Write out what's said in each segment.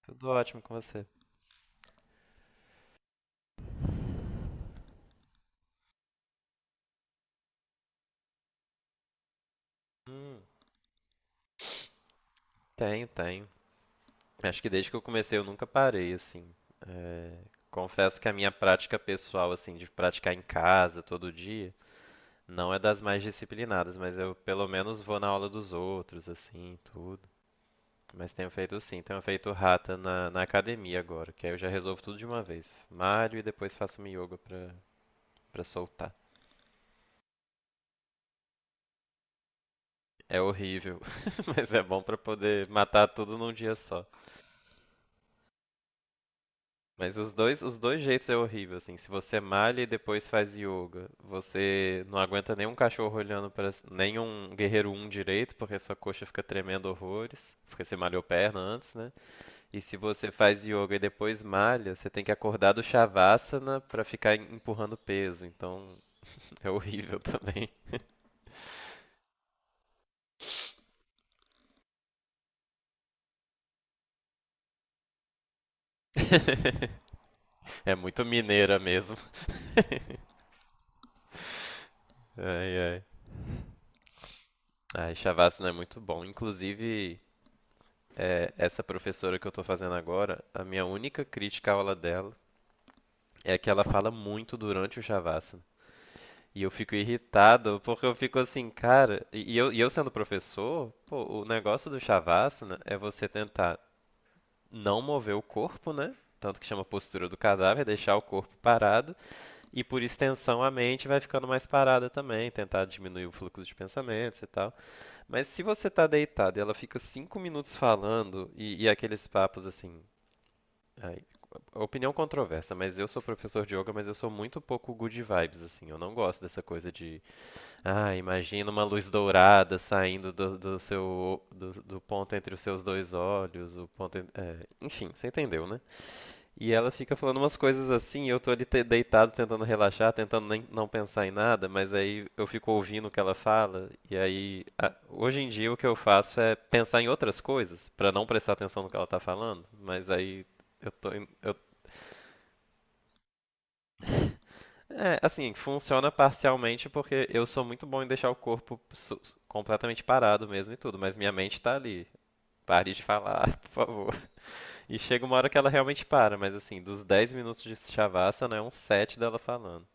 Tudo ótimo com você. Hum, tenho, tenho. Acho que desde que eu comecei eu nunca parei, assim. É, confesso que a minha prática pessoal, assim, de praticar em casa todo dia, não é das mais disciplinadas, mas eu pelo menos vou na aula dos outros, assim, tudo. Mas tenho feito sim, tenho feito rata na academia agora, que aí eu já resolvo tudo de uma vez. Malho e depois faço um yoga pra soltar. É horrível, mas é bom pra poder matar tudo num dia só. Mas os dois jeitos é horrível, assim. Se você malha e depois faz yoga, você não aguenta nenhum cachorro olhando para nenhum guerreiro um direito, porque sua coxa fica tremendo horrores, porque você malhou perna antes, né? E se você faz yoga e depois malha, você tem que acordar do shavasana para ficar empurrando peso. Então, é horrível também. É muito mineira mesmo. Ai, ai. Ai, Shavasana é muito bom. Inclusive, é, essa professora que eu tô fazendo agora, a minha única crítica à aula dela é que ela fala muito durante o Shavasana. E eu fico irritado, porque eu fico assim, cara. E eu sendo professor, pô, o negócio do Shavasana é você tentar não mover o corpo, né? Tanto que chama postura do cadáver, deixar o corpo parado. E por extensão, a mente vai ficando mais parada também, tentar diminuir o fluxo de pensamentos e tal. Mas se você tá deitado e ela fica 5 minutos falando, e aqueles papos assim, ai, opinião controversa, mas eu sou professor de yoga, mas eu sou muito pouco good vibes, assim. Eu não gosto dessa coisa de, ah, imagina uma luz dourada saindo do seu, do ponto entre os seus dois olhos, o ponto, é, enfim, você entendeu, né? E ela fica falando umas coisas assim, e eu tô ali deitado tentando relaxar, tentando nem, não pensar em nada, mas aí eu fico ouvindo o que ela fala, e aí, hoje em dia o que eu faço é pensar em outras coisas, pra não prestar atenção no que ela tá falando, mas aí eu tô, eu. É, assim, funciona parcialmente porque eu sou muito bom em deixar o corpo completamente parado mesmo e tudo, mas minha mente tá ali. Pare de falar, por favor. E chega uma hora que ela realmente para, mas assim, dos 10 minutos de Shavasana é uns sete dela falando.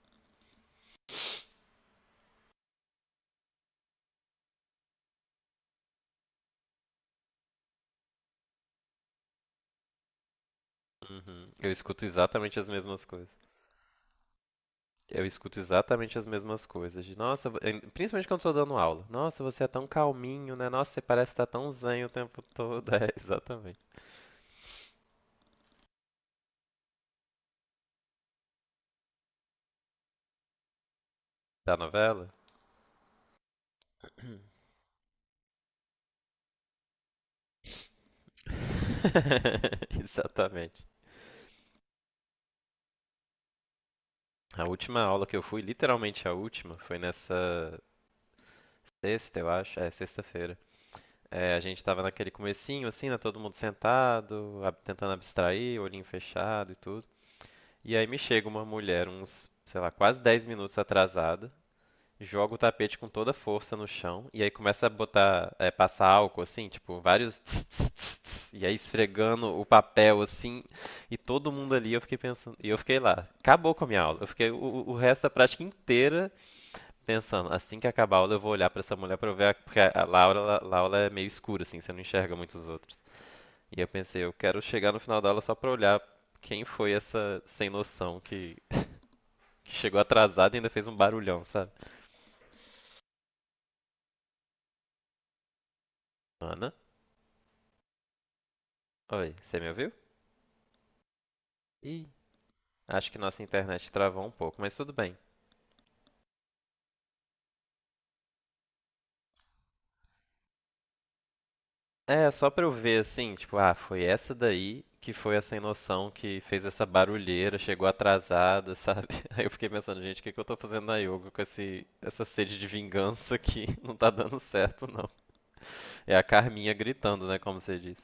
Uhum. Eu escuto exatamente as mesmas coisas. Eu escuto exatamente as mesmas coisas. De, nossa, principalmente quando eu tô dando aula. Nossa, você é tão calminho, né? Nossa, você parece estar tão zen o tempo todo. É, exatamente. Da novela? Exatamente. A última aula que eu fui, literalmente a última, foi nessa sexta, eu acho. É, sexta-feira. É, a gente tava naquele comecinho, assim, né? Todo mundo sentado, tentando abstrair, olhinho fechado e tudo. E aí me chega uma mulher, uns, sei lá, quase 10 minutos atrasada, joga o tapete com toda a força no chão e aí começa a botar, é, passar álcool assim, tipo, vários tss, tss, tss, tss, e aí esfregando o papel assim, e todo mundo ali, eu fiquei pensando, e eu fiquei lá, acabou com a minha aula. Eu fiquei o resto da prática inteira pensando, assim que acabar a aula eu vou olhar pra essa mulher pra eu ver, a, porque a Laura, a aula é meio escura assim, você não enxerga muitos outros. E eu pensei, eu quero chegar no final da aula só pra olhar quem foi essa sem noção que chegou atrasada e ainda fez um barulhão, sabe? Ana, oi, você me ouviu? Ih, acho que nossa internet travou um pouco, mas tudo bem. É, só pra eu ver assim, tipo, ah, foi essa daí que foi a sem noção que fez essa barulheira, chegou atrasada, sabe? Aí eu fiquei pensando, gente, o que que eu tô fazendo na yoga com essa sede de vingança aqui? Não tá dando certo, não. É a Carminha gritando, né, como você disse.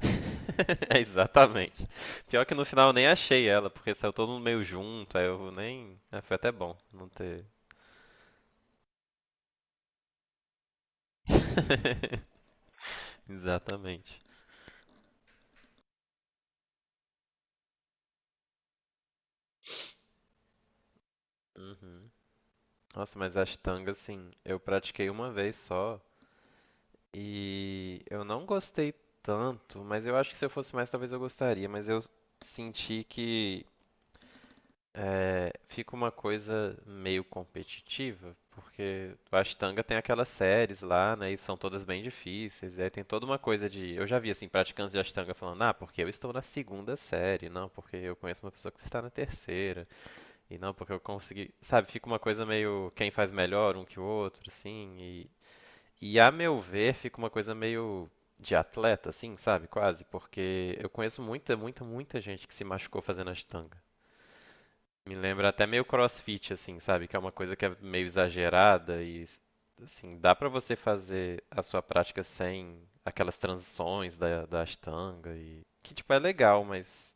É, exatamente. Pior que no final eu nem achei ela, porque saiu todo mundo meio junto, aí eu nem. Ah, foi até bom não ter. Exatamente. Uhum. Nossa, mas ashtanga, assim, eu pratiquei uma vez só e eu não gostei tanto, mas eu acho que se eu fosse mais, talvez eu gostaria, mas eu senti que é, fica uma coisa meio competitiva, porque o ashtanga tem aquelas séries lá, né, e são todas bem difíceis, e aí tem toda uma coisa de... Eu já vi, assim, praticantes de ashtanga falando, ah, porque eu estou na segunda série, não, porque eu conheço uma pessoa que está na terceira. E não, porque eu consegui. Sabe, fica uma coisa meio quem faz melhor um que o outro, assim. E a meu ver, fica uma coisa meio de atleta, assim, sabe? Quase. Porque eu conheço muita, muita, muita gente que se machucou fazendo ashtanga. Me lembra até meio crossfit, assim, sabe? Que é uma coisa que é meio exagerada e, assim, dá pra você fazer a sua prática sem aquelas transições da ashtanga e. Que, tipo, é legal, mas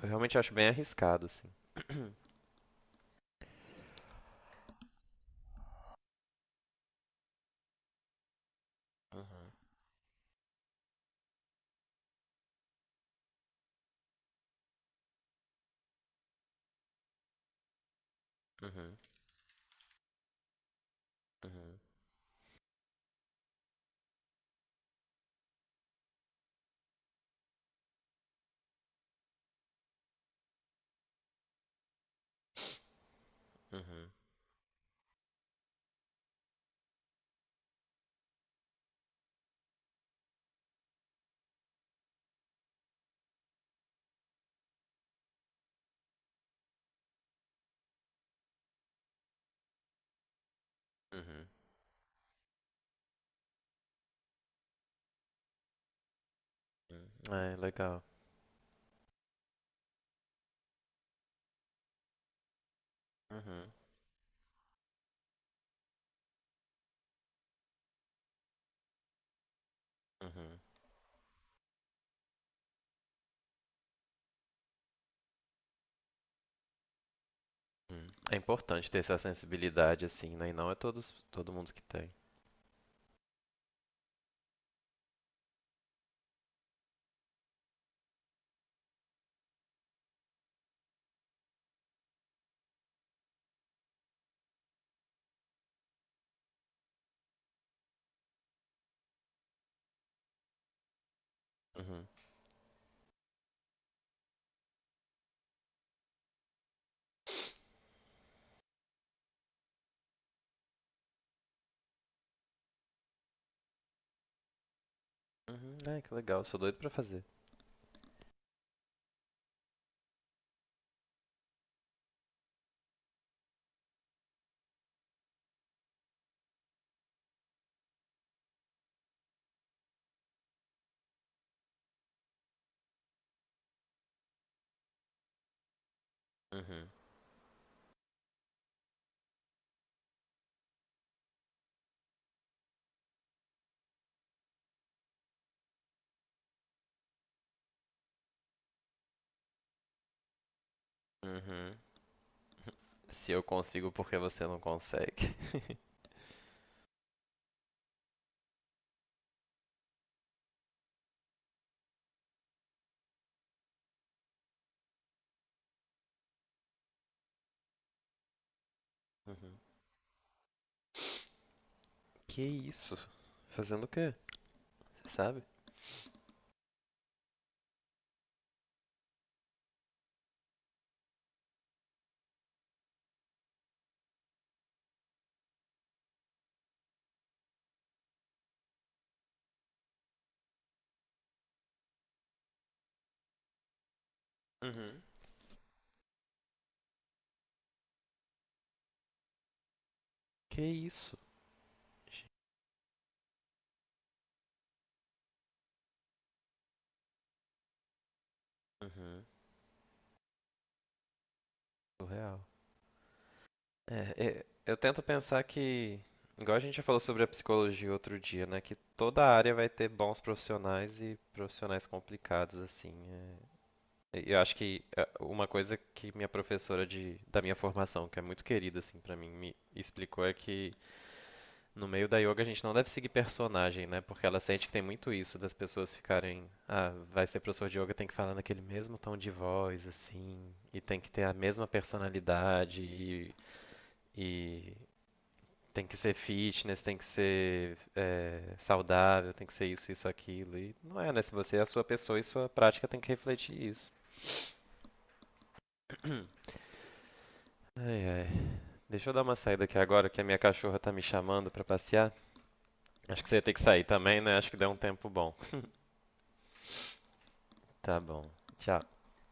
eu realmente acho bem arriscado, assim. Uhum, uhum, uhum, uhum, uhum. Hum, é, legal. Uhum, uhum, uhum. É importante ter essa sensibilidade, assim, né? E não é todos, todo mundo que tem. Uhum. Uhum, ai, que legal, sou doido pra fazer. Uhum, uhum. Se eu consigo, por que você não consegue? Uhum. Que isso? Fazendo o quê? Você sabe? Uhum. Que isso? Uhum. Surreal. É, é, eu tento pensar que, igual a gente já falou sobre a psicologia outro dia, né? Que toda área vai ter bons profissionais e profissionais complicados, assim. É. E eu acho que é, uma coisa que minha professora da minha formação, que é muito querida, assim, pra mim, me explicou é que no meio da yoga a gente não deve seguir personagem, né? Porque ela sente que tem muito isso das pessoas ficarem, ah, vai ser professor de yoga, tem que falar naquele mesmo tom de voz, assim, e tem que ter a mesma personalidade e tem que ser fitness, tem que ser saudável, tem que ser isso, isso, aquilo. E não é, né? Se você é a sua pessoa e sua prática tem que refletir isso. Ai, ai. Deixa eu dar uma saída aqui agora que a minha cachorra tá me chamando pra passear. Acho que você ia ter que sair também, né? Acho que deu um tempo bom. Tá bom. Tchau.